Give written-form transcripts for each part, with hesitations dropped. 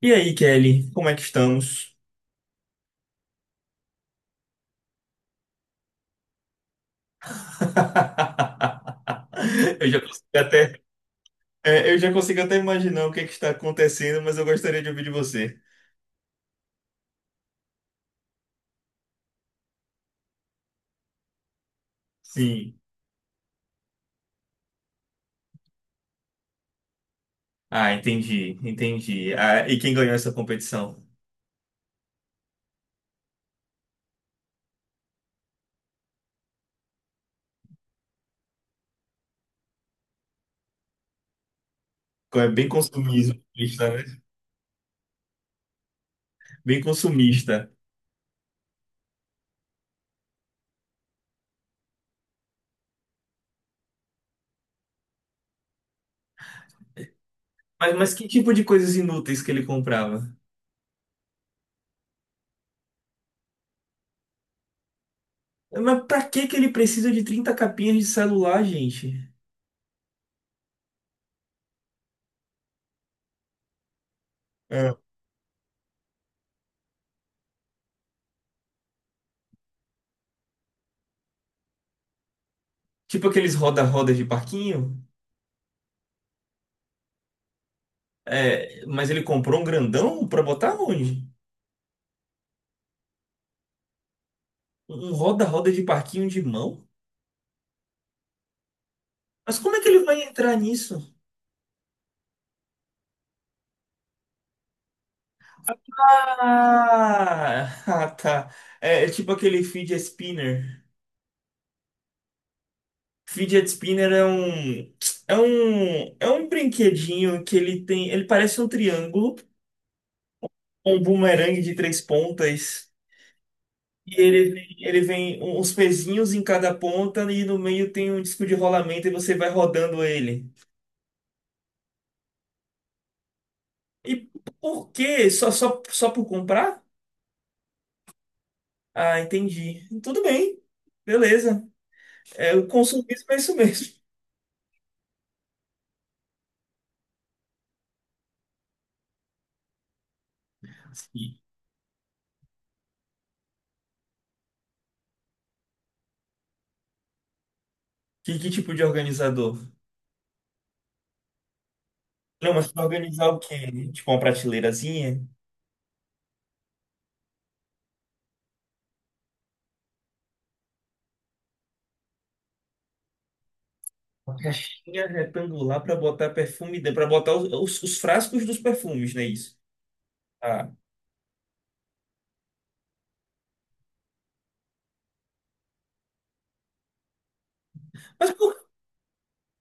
E aí, Kelly, como é que estamos? Eu já consigo até, é, eu já consigo até imaginar o que é que está acontecendo, mas eu gostaria de ouvir de você. Sim. Ah, entendi, entendi. Ah, e quem ganhou essa competição? É bem consumista, né? Bem consumista. Mas que tipo de coisas inúteis que ele comprava? Mas pra que que ele precisa de 30 capinhas de celular, gente? É. Tipo aqueles roda-rodas de parquinho? É, mas ele comprou um grandão pra botar onde? Um roda-roda de parquinho de mão? Mas como é que ele vai entrar nisso? Ah, ah, tá. É, é tipo aquele fidget spinner. Fidget spinner é um brinquedinho que ele tem. Ele parece um triângulo, um bumerangue de três pontas. E ele vem uns pezinhos em cada ponta e no meio tem um disco de rolamento e você vai rodando ele. E por quê? Só por comprar? Ah, entendi. Tudo bem. Beleza. É, o consumismo é isso mesmo. Sim. Que tipo de organizador? Não, mas para organizar o quê? Tipo uma prateleirazinha? Uma caixinha retangular para botar perfume, para botar os frascos dos perfumes, não é isso? Ah. Mas,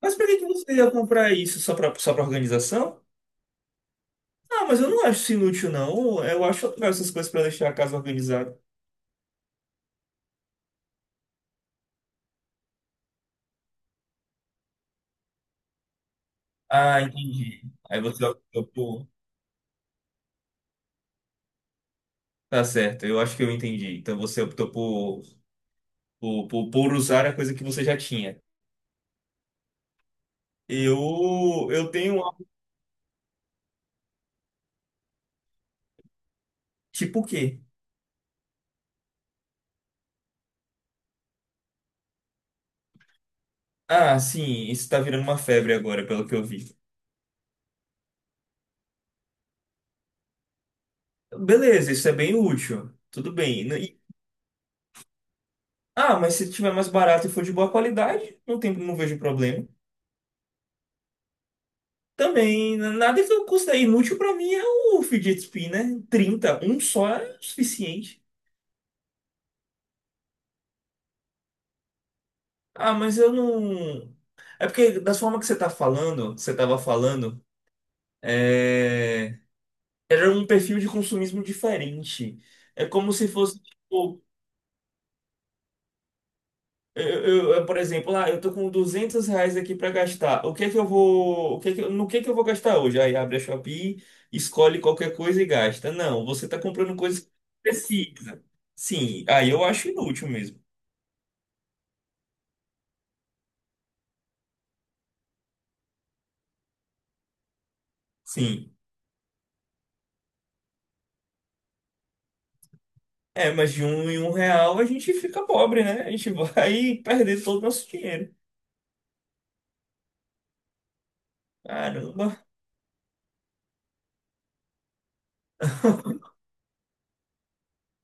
mas para que que você ia comprar isso? Só para organização? Ah, mas eu não acho isso inútil, não. Eu acho legal essas coisas para deixar a casa organizada. Ah, entendi. Aí você optou por. Tá certo, eu acho que eu entendi. Então você optou por usar a coisa que você já tinha. Eu, eu tenho. Tipo o quê? Ah, sim, isso tá virando uma febre agora, pelo que eu vi. Beleza, isso é bem útil. Tudo bem. Ah, mas se tiver mais barato e for de boa qualidade, não tem, não vejo problema. Também, nada que eu considere inútil pra mim é o fidget spinner. 30. Um só é o suficiente. Ah, mas eu não. É porque, da forma que você tá falando, que você tava falando, é... era um perfil de consumismo diferente. É como se fosse, tipo, eu, por exemplo, ah, eu tô com R$ 200 aqui para gastar. O que que eu vou, o que que, no que eu vou gastar hoje? Aí abre a Shopee, escolhe qualquer coisa e gasta. Não, você tá comprando coisas que precisa. Sim, aí eu acho inútil mesmo. Sim. É, mas de um em um real a gente fica pobre, né? A gente vai perder todo o nosso dinheiro. Caramba.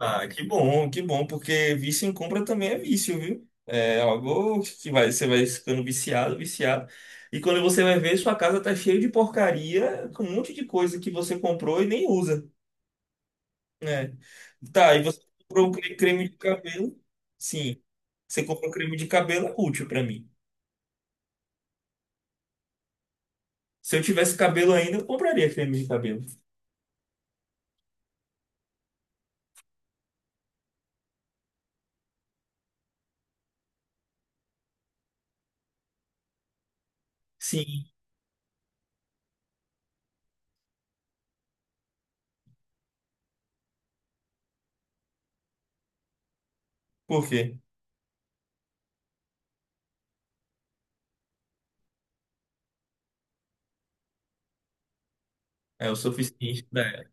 Ah, que bom, porque vício em compra também é vício, viu? É algo que vai, você vai ficando viciado, viciado. E quando você vai ver, sua casa tá cheia de porcaria, com um monte de coisa que você comprou e nem usa, né? Tá, e você comprou um creme de cabelo? Sim, você comprou um creme de cabelo, é útil pra mim. Se eu tivesse cabelo ainda, eu compraria creme de cabelo. Sim, por quê? É o suficiente da era.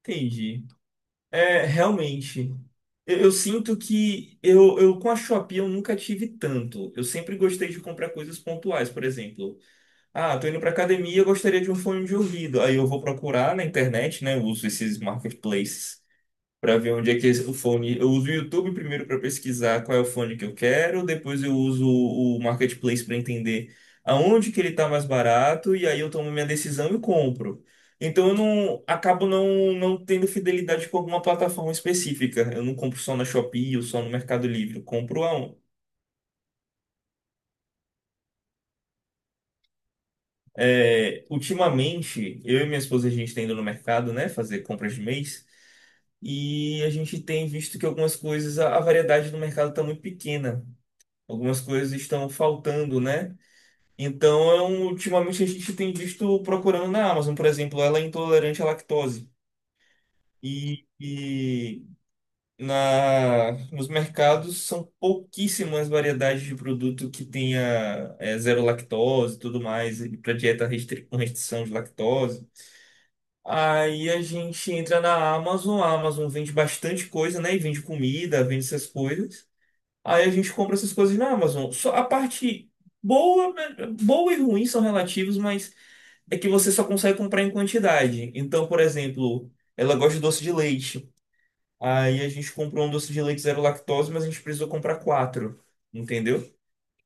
Entendi. É, realmente. Eu sinto que eu com a Shopee eu nunca tive tanto. Eu sempre gostei de comprar coisas pontuais, por exemplo. Ah, tô indo pra academia, eu gostaria de um fone de ouvido. Aí eu vou procurar na internet, né? Eu uso esses marketplaces para ver onde é que o fone. Eu uso o YouTube primeiro para pesquisar qual é o fone que eu quero, depois eu uso o Marketplace para entender aonde que ele está mais barato e aí eu tomo minha decisão e compro. Então eu não acabo não, tendo fidelidade com alguma plataforma específica. Eu não compro só na Shopee ou só no Mercado Livre. Eu compro aonde? É, ultimamente, eu e minha esposa a gente está indo no mercado, né, fazer compras de mês. E a gente tem visto que algumas coisas, a variedade do mercado está muito pequena. Algumas coisas estão faltando, né? Então, ultimamente a gente tem visto procurando na Amazon, por exemplo, ela é intolerante à lactose. E nos mercados são pouquíssimas variedades de produto que tenha zero lactose e tudo mais, para dieta com restrição de lactose. Aí a gente entra na Amazon, a Amazon vende bastante coisa, né? E vende comida, vende essas coisas. Aí a gente compra essas coisas na Amazon. Só a parte boa, né, boa e ruim são relativos, mas é que você só consegue comprar em quantidade. Então, por exemplo, ela gosta de doce de leite. Aí a gente comprou um doce de leite zero lactose, mas a gente precisou comprar quatro, entendeu?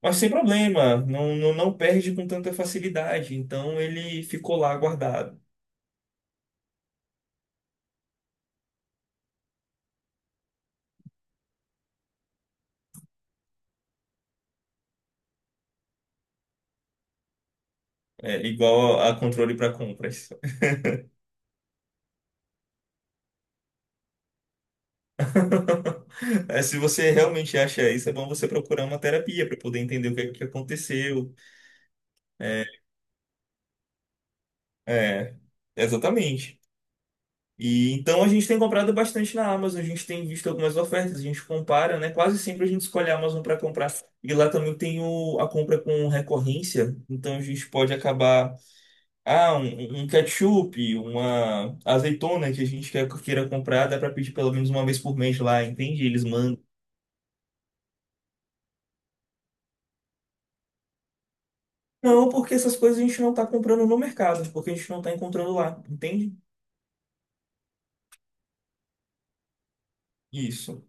Mas sem problema, não, não, não perde com tanta facilidade. Então ele ficou lá guardado. É igual a controle para compras. É, se você realmente acha isso, é bom você procurar uma terapia para poder entender o que é que aconteceu. É, é, exatamente. E então a gente tem comprado bastante na Amazon, a gente tem visto algumas ofertas, a gente compara, né? Quase sempre a gente escolhe a Amazon para comprar. E lá também tem a compra com recorrência, então a gente pode acabar, ah, um ketchup, uma azeitona que a gente queira comprar, dá para pedir pelo menos uma vez por mês lá, entende? Eles mandam. Não, porque essas coisas a gente não está comprando no mercado, porque a gente não está encontrando lá, entende? Isso.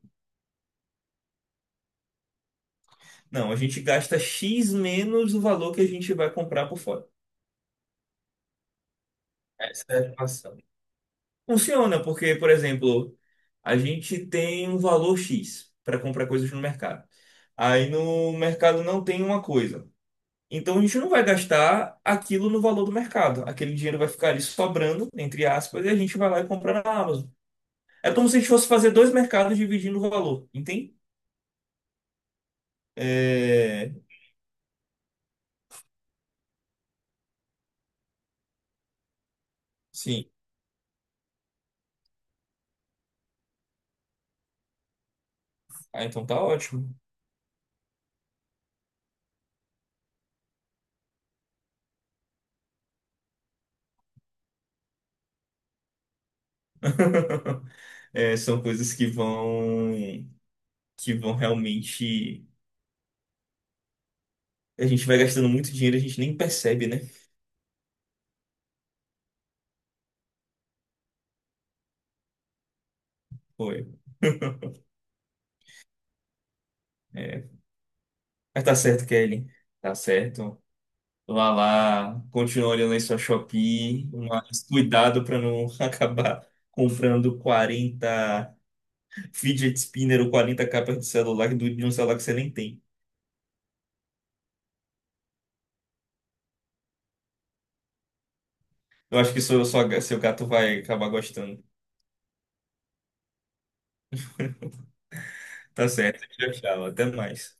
Não, a gente gasta X menos o valor que a gente vai comprar por fora. Essa é a relação. Funciona, porque, por exemplo, a gente tem um valor X para comprar coisas no mercado. Aí no mercado não tem uma coisa. Então a gente não vai gastar aquilo no valor do mercado. Aquele dinheiro vai ficar ali sobrando, entre aspas, e a gente vai lá e compra na Amazon. É como se a gente fosse fazer dois mercados dividindo o valor, entende? É... Sim. Ah, então tá ótimo. É, são coisas que vão realmente. A gente vai gastando muito dinheiro, e a gente nem percebe, né? Foi. É. Mas tá certo, Kelly. Tá certo. Vá lá, continua olhando aí sua Shopee, mas cuidado para não acabar comprando 40 fidget spinner ou 40 capas de celular de um celular que você nem tem. Eu acho que seu gato vai acabar gostando. Tá certo. Tchau, tchau. Até mais.